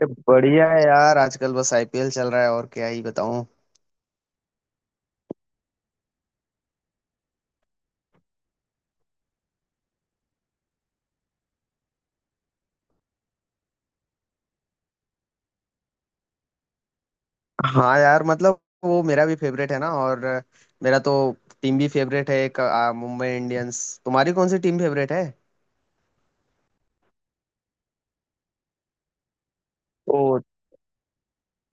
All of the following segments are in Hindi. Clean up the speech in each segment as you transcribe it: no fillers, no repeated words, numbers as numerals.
अरे बढ़िया है यार। आजकल बस आईपीएल चल रहा है, और क्या ही बताऊं। हाँ यार, मतलब वो मेरा भी फेवरेट है ना। और मेरा तो टीम भी फेवरेट है, मुंबई इंडियंस। तुम्हारी कौन सी टीम फेवरेट है? ओ।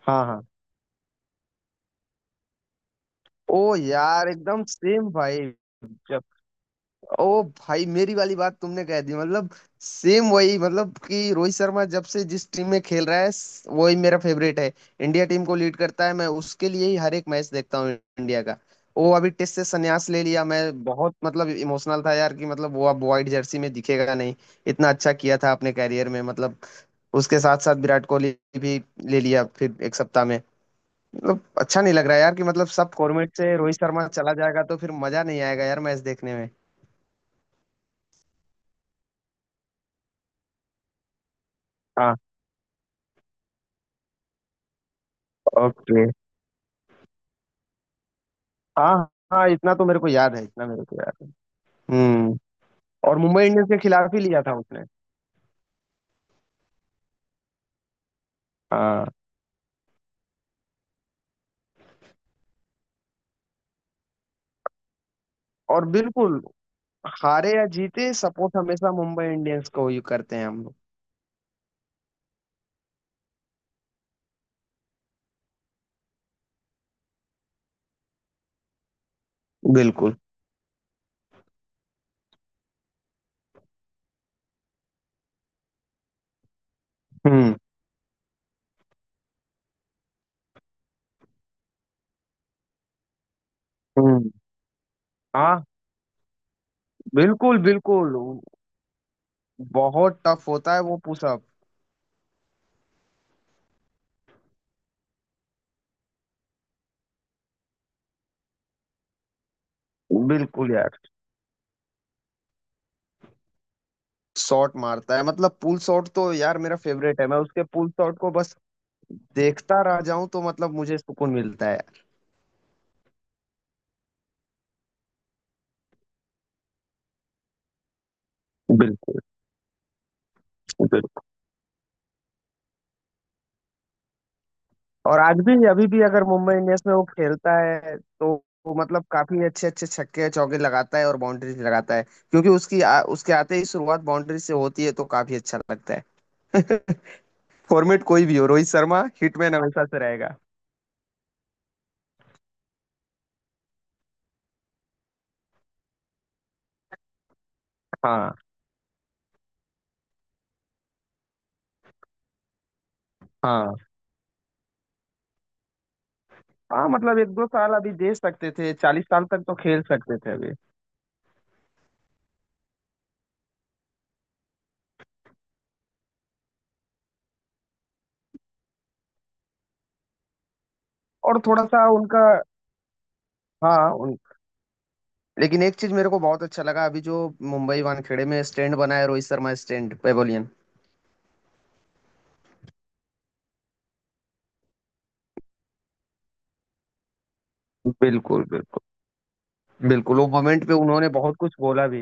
हाँ हाँ। ओ यार, एकदम सेम भाई। ओ भाई, मेरी वाली बात तुमने कह दी। मतलब सेम वही, मतलब कि रोहित शर्मा जब से जिस टीम में खेल रहा है वही मेरा फेवरेट है। इंडिया टीम को लीड करता है, मैं उसके लिए ही हर एक मैच देखता हूँ, इंडिया का। वो अभी टेस्ट से संन्यास ले लिया, मैं बहुत मतलब इमोशनल था यार, कि मतलब वो अब व्हाइट जर्सी में दिखेगा नहीं। इतना अच्छा किया था अपने कैरियर में, मतलब उसके साथ साथ विराट कोहली भी ले लिया फिर एक सप्ताह में। मतलब अच्छा नहीं लग रहा यार, कि मतलब सब फॉर्मेट से रोहित शर्मा चला जाएगा तो फिर मजा नहीं आएगा यार मैच देखने में। हाँ। ओके। हाँ हाँ, इतना तो मेरे को याद है, इतना मेरे को याद है। हम्म। और मुंबई इंडियंस के खिलाफ ही लिया था उसने। हाँ। और बिल्कुल, हारे या जीते सपोर्ट हमेशा मुंबई इंडियंस को ही करते हैं हम लोग। बिल्कुल। हम्म। हम्म। हाँ बिल्कुल बिल्कुल। बहुत टफ होता है वो पुशअप। बिल्कुल यार। शॉट मारता है, मतलब पुल शॉट तो यार मेरा फेवरेट है, मैं उसके पुल शॉट को बस देखता रह जाऊं, तो मतलब मुझे सुकून मिलता है। बिल्कुल। और आज भी, अभी भी अगर मुंबई इंडियंस में वो खेलता है तो वो मतलब काफी अच्छे अच्छे छक्के चौके लगाता है और बाउंड्रीज लगाता है, क्योंकि उसकी उसके आते ही शुरुआत बाउंड्री से होती है, तो काफी अच्छा लगता है। फॉर्मेट कोई भी हो, रोहित शर्मा हिटमैन हमेशा से रहेगा। हाँ। हाँ हाँ, मतलब एक दो साल अभी दे सकते थे, 40 साल तक तो खेल सकते थे अभी। और थोड़ा सा उनका। हाँ। उन, लेकिन एक चीज मेरे को बहुत अच्छा लगा, अभी जो मुंबई वानखेड़े में स्टैंड बना है, रोहित शर्मा स्टैंड पेवेलियन। बिल्कुल बिल्कुल। बिल्कुल, वो मोमेंट पे उन्होंने बहुत कुछ बोला भी,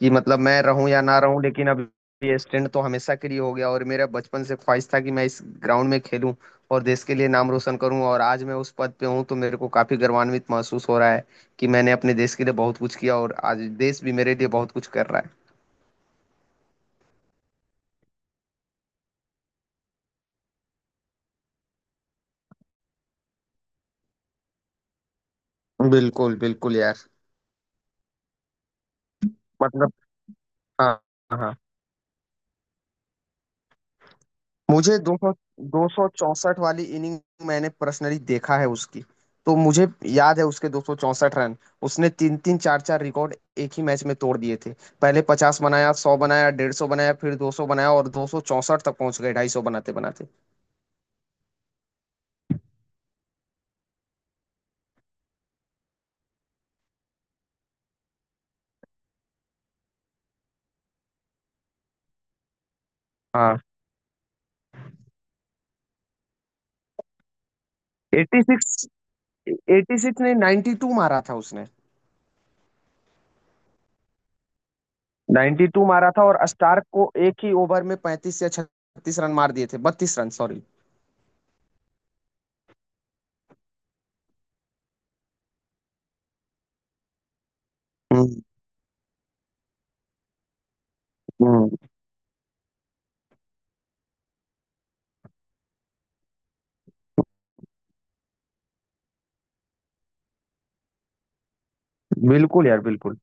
कि मतलब मैं रहूं या ना रहूं लेकिन अब ये स्टैंड तो हमेशा के लिए हो गया। और मेरा बचपन से ख्वाहिश था कि मैं इस ग्राउंड में खेलूं और देश के लिए नाम रोशन करूं, और आज मैं उस पद पे हूं तो मेरे को काफी गर्वान्वित महसूस हो रहा है, कि मैंने अपने देश के लिए बहुत कुछ किया, और आज देश भी मेरे लिए बहुत कुछ कर रहा है। बिल्कुल बिल्कुल यार। मतलब। हाँ। हाँ। मुझे दो सौ चौसठ वाली इनिंग मैंने पर्सनली देखा है उसकी, तो मुझे याद है उसके 264 रन। उसने तीन तीन चार चार रिकॉर्ड एक ही मैच में तोड़ दिए थे। पहले 50 बनाया, 100 बनाया, 150 बनाया, फिर 200 बनाया, और 264 तक पहुंच गए 250 बनाते बनाते। हाँ। 86, 86 नहीं, 92 मारा था उसने। 92 मारा था, और स्टार्क को एक ही ओवर में 35 या 36 रन मार दिए थे, 32 रन सॉरी। हम्म। हम्म, बिल्कुल यार बिल्कुल।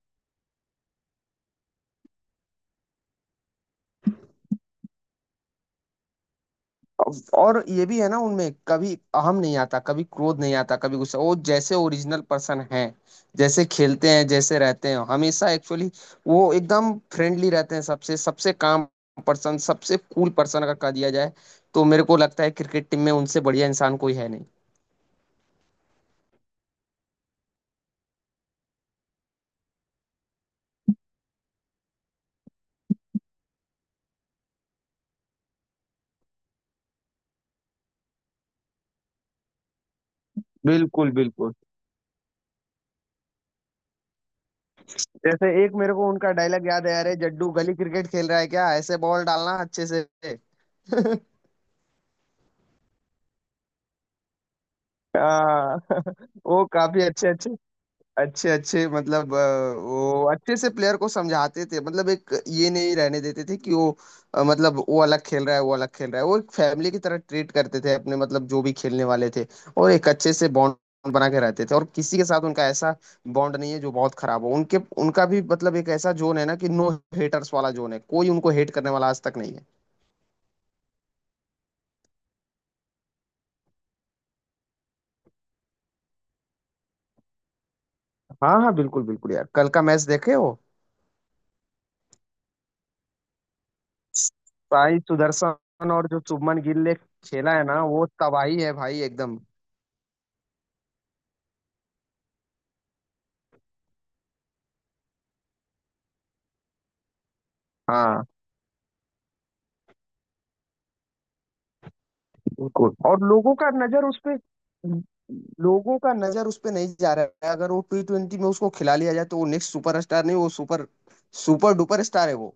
और ये भी है ना, उनमें कभी अहम नहीं आता, कभी क्रोध नहीं आता, कभी गुस्सा। वो जैसे ओरिजिनल पर्सन है, जैसे खेलते हैं जैसे रहते हैं हमेशा, एक्चुअली वो एकदम फ्रेंडली रहते हैं। सबसे सबसे काम पर्सन, सबसे कूल पर्सन अगर कहा दिया जाए, तो मेरे को लगता है क्रिकेट टीम में उनसे बढ़िया इंसान कोई है नहीं। बिल्कुल बिल्कुल। जैसे एक मेरे को उनका डायलॉग याद है, अरे जड्डू गली क्रिकेट खेल रहा है क्या, ऐसे बॉल डालना अच्छे से। हाँ। वो काफी अच्छे अच्छे अच्छे अच्छे मतलब वो अच्छे से प्लेयर को समझाते थे, मतलब एक ये नहीं रहने देते थे कि वो मतलब वो अलग खेल रहा है, वो अलग खेल रहा है। वो एक फैमिली की तरह ट्रीट करते थे अपने, मतलब जो भी खेलने वाले थे, और एक अच्छे से बॉन्ड बना के रहते थे। और किसी के साथ उनका ऐसा बॉन्ड नहीं है जो बहुत खराब हो उनके। उनका भी मतलब एक ऐसा जोन है ना, कि नो हेटर्स वाला जोन है, कोई उनको हेट करने वाला आज तक नहीं है। हाँ। हाँ बिल्कुल बिल्कुल यार, कल का मैच देखे हो? भाई सुदर्शन और जो शुभमन गिल ने खेला है ना, वो तबाही है भाई एकदम। हाँ। बिल्कुल, और लोगों का नजर उस पे, नहीं जा रहा है। अगर वो टी ट्वेंटी में उसको खिला लिया जाए तो वो नेक्स्ट सुपर स्टार नहीं, वो सुपर सुपर डुपर स्टार है वो।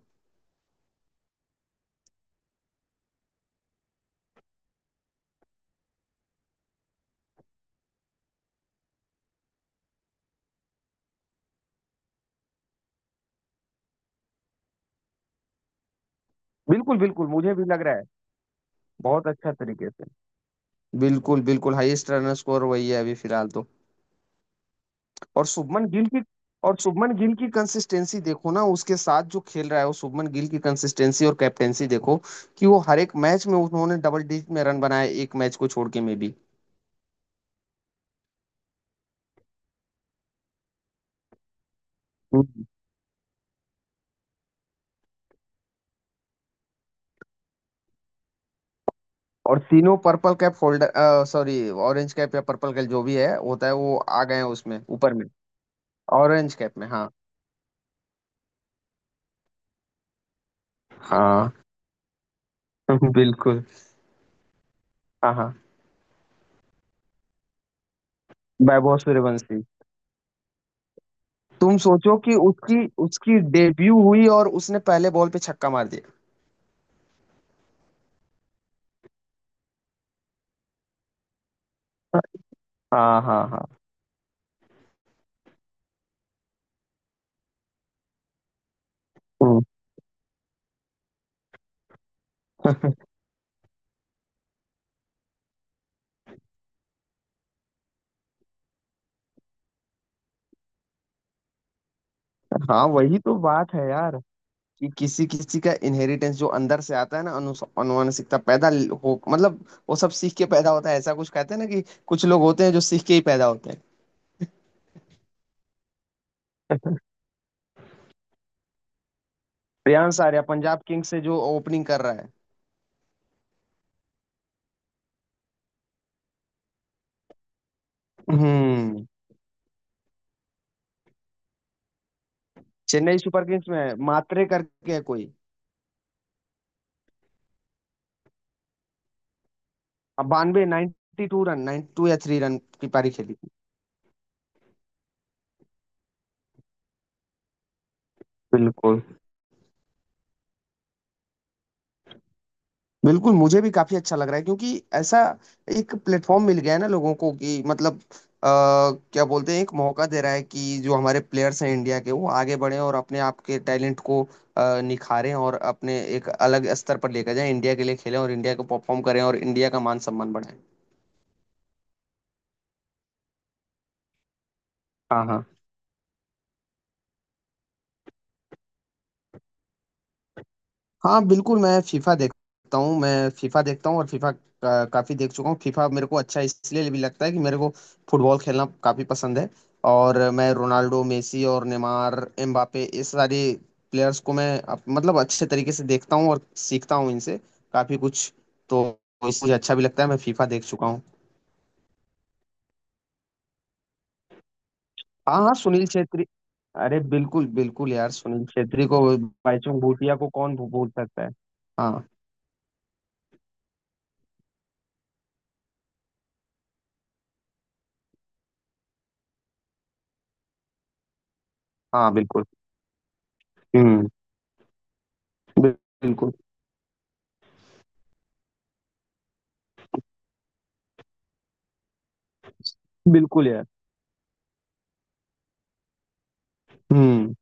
बिल्कुल बिल्कुल, मुझे भी लग रहा है, बहुत अच्छा तरीके से। बिल्कुल बिल्कुल, हाईएस्ट रन स्कोर वही है अभी फिलहाल तो। और शुभमन गिल की और शुभमन गिल की कंसिस्टेंसी देखो ना, उसके साथ जो खेल रहा है वो। शुभमन गिल की कंसिस्टेंसी और कैप्टेंसी देखो, कि वो हर एक मैच में उन्होंने डबल डिजिट में रन बनाए, एक मैच को छोड़ के में भी। और तीनों purple cap folder, sorry orange cap या पर्पल कैप जो भी है होता है, वो आ गए हैं उसमें ऊपर में। ऑरेंज कैप में हाँ। हाँ। बिल्कुल। हाँ हाँ। वैभव सूर्यवंशी। तुम सोचो कि उसकी उसकी डेब्यू हुई और उसने पहले बॉल पे छक्का मार दिया। हाँ हाँ हाँ। हम्म। हाँ वही तो बात है यार, कि किसी किसी का इनहेरिटेंस जो अंदर से आता है ना, अनुवांशिकता पैदा हो मतलब। वो सब सीख के पैदा होता है, ऐसा कुछ कहते हैं ना कि कुछ लोग होते हैं जो सीख के ही पैदा होते हैं। प्रियांश आर्या पंजाब किंग्स से जो ओपनिंग कर रहा है। हम्म। चेन्नई सुपर किंग्स में है, मात्रे करके है कोई। बानवे, 92 टू रन, 92 या थ्री रन की पारी खेली थी। बिल्कुल बिल्कुल, मुझे भी काफी अच्छा लग रहा है, क्योंकि ऐसा एक प्लेटफॉर्म मिल गया है ना लोगों को, कि मतलब आ, क्या बोलते हैं, एक मौका दे रहा है कि जो हमारे प्लेयर्स हैं इंडिया के वो आगे बढ़े और अपने आप के टैलेंट को निखारें, और अपने एक अलग स्तर पर लेकर जाएं, इंडिया के लिए खेलें और इंडिया को परफॉर्म करें, और इंडिया का मान सम्मान बढ़ाएं। हाँ हाँ। हाँ बिल्कुल, मैं फीफा देखता हूँ, मैं फीफा देखता हूँ, और फीफा का काफी देख चुका हूँ। फीफा मेरे को अच्छा इसलिए भी लगता है कि मेरे को फुटबॉल खेलना काफी पसंद है। और मैं रोनाल्डो मेसी और नेमार एम्बापे इस सारे प्लेयर्स को मैं मतलब अच्छे तरीके से देखता हूँ और सीखता हूँ इनसे काफी कुछ। तो इससे मुझे अच्छा भी लगता है, मैं फीफा देख चुका हूँ। हाँ हाँ, सुनील छेत्री। अरे बिल्कुल बिल्कुल यार, सुनील छेत्री को, भाईचुंग भूटिया को कौन भूल सकता है। हाँ। हाँ बिल्कुल। हम्म। बिल्कुल बिल्कुल यार। हम्म।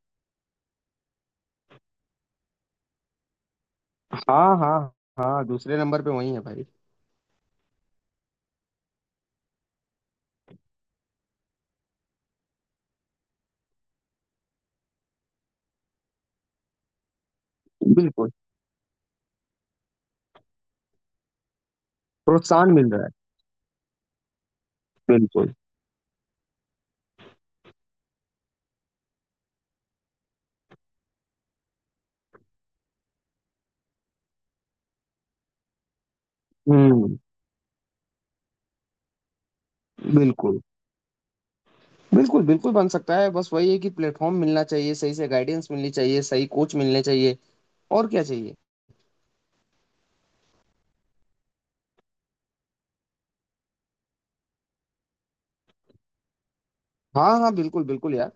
हाँ हाँ। हाँ, दूसरे नंबर पे वही है भाई। बिल्कुल प्रोत्साहन मिल रहा है। बिल्कुल। हम्म। बिल्कुल बिल्कुल, बिल्कुल बन सकता है, बस वही है कि प्लेटफॉर्म मिलना चाहिए, सही से गाइडेंस मिलनी चाहिए, सही कोच मिलने चाहिए, और क्या चाहिए। हाँ हाँ बिल्कुल बिल्कुल यार।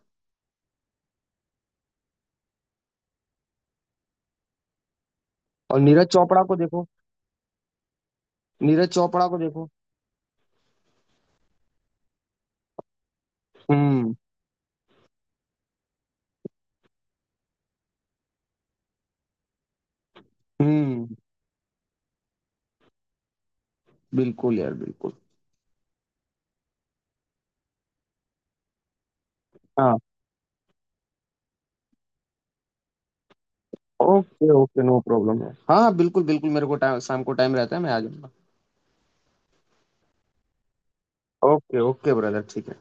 और नीरज चोपड़ा को देखो। नीरज चोपड़ा को देखो हम्म। हम्म बिल्कुल यार बिल्कुल। हाँ ओके ओके, नो प्रॉब्लम है। हाँ हाँ बिल्कुल बिल्कुल, मेरे को टाइम, शाम को टाइम रहता है, मैं आ जाऊंगा। ओके ओके ब्रदर, ठीक है।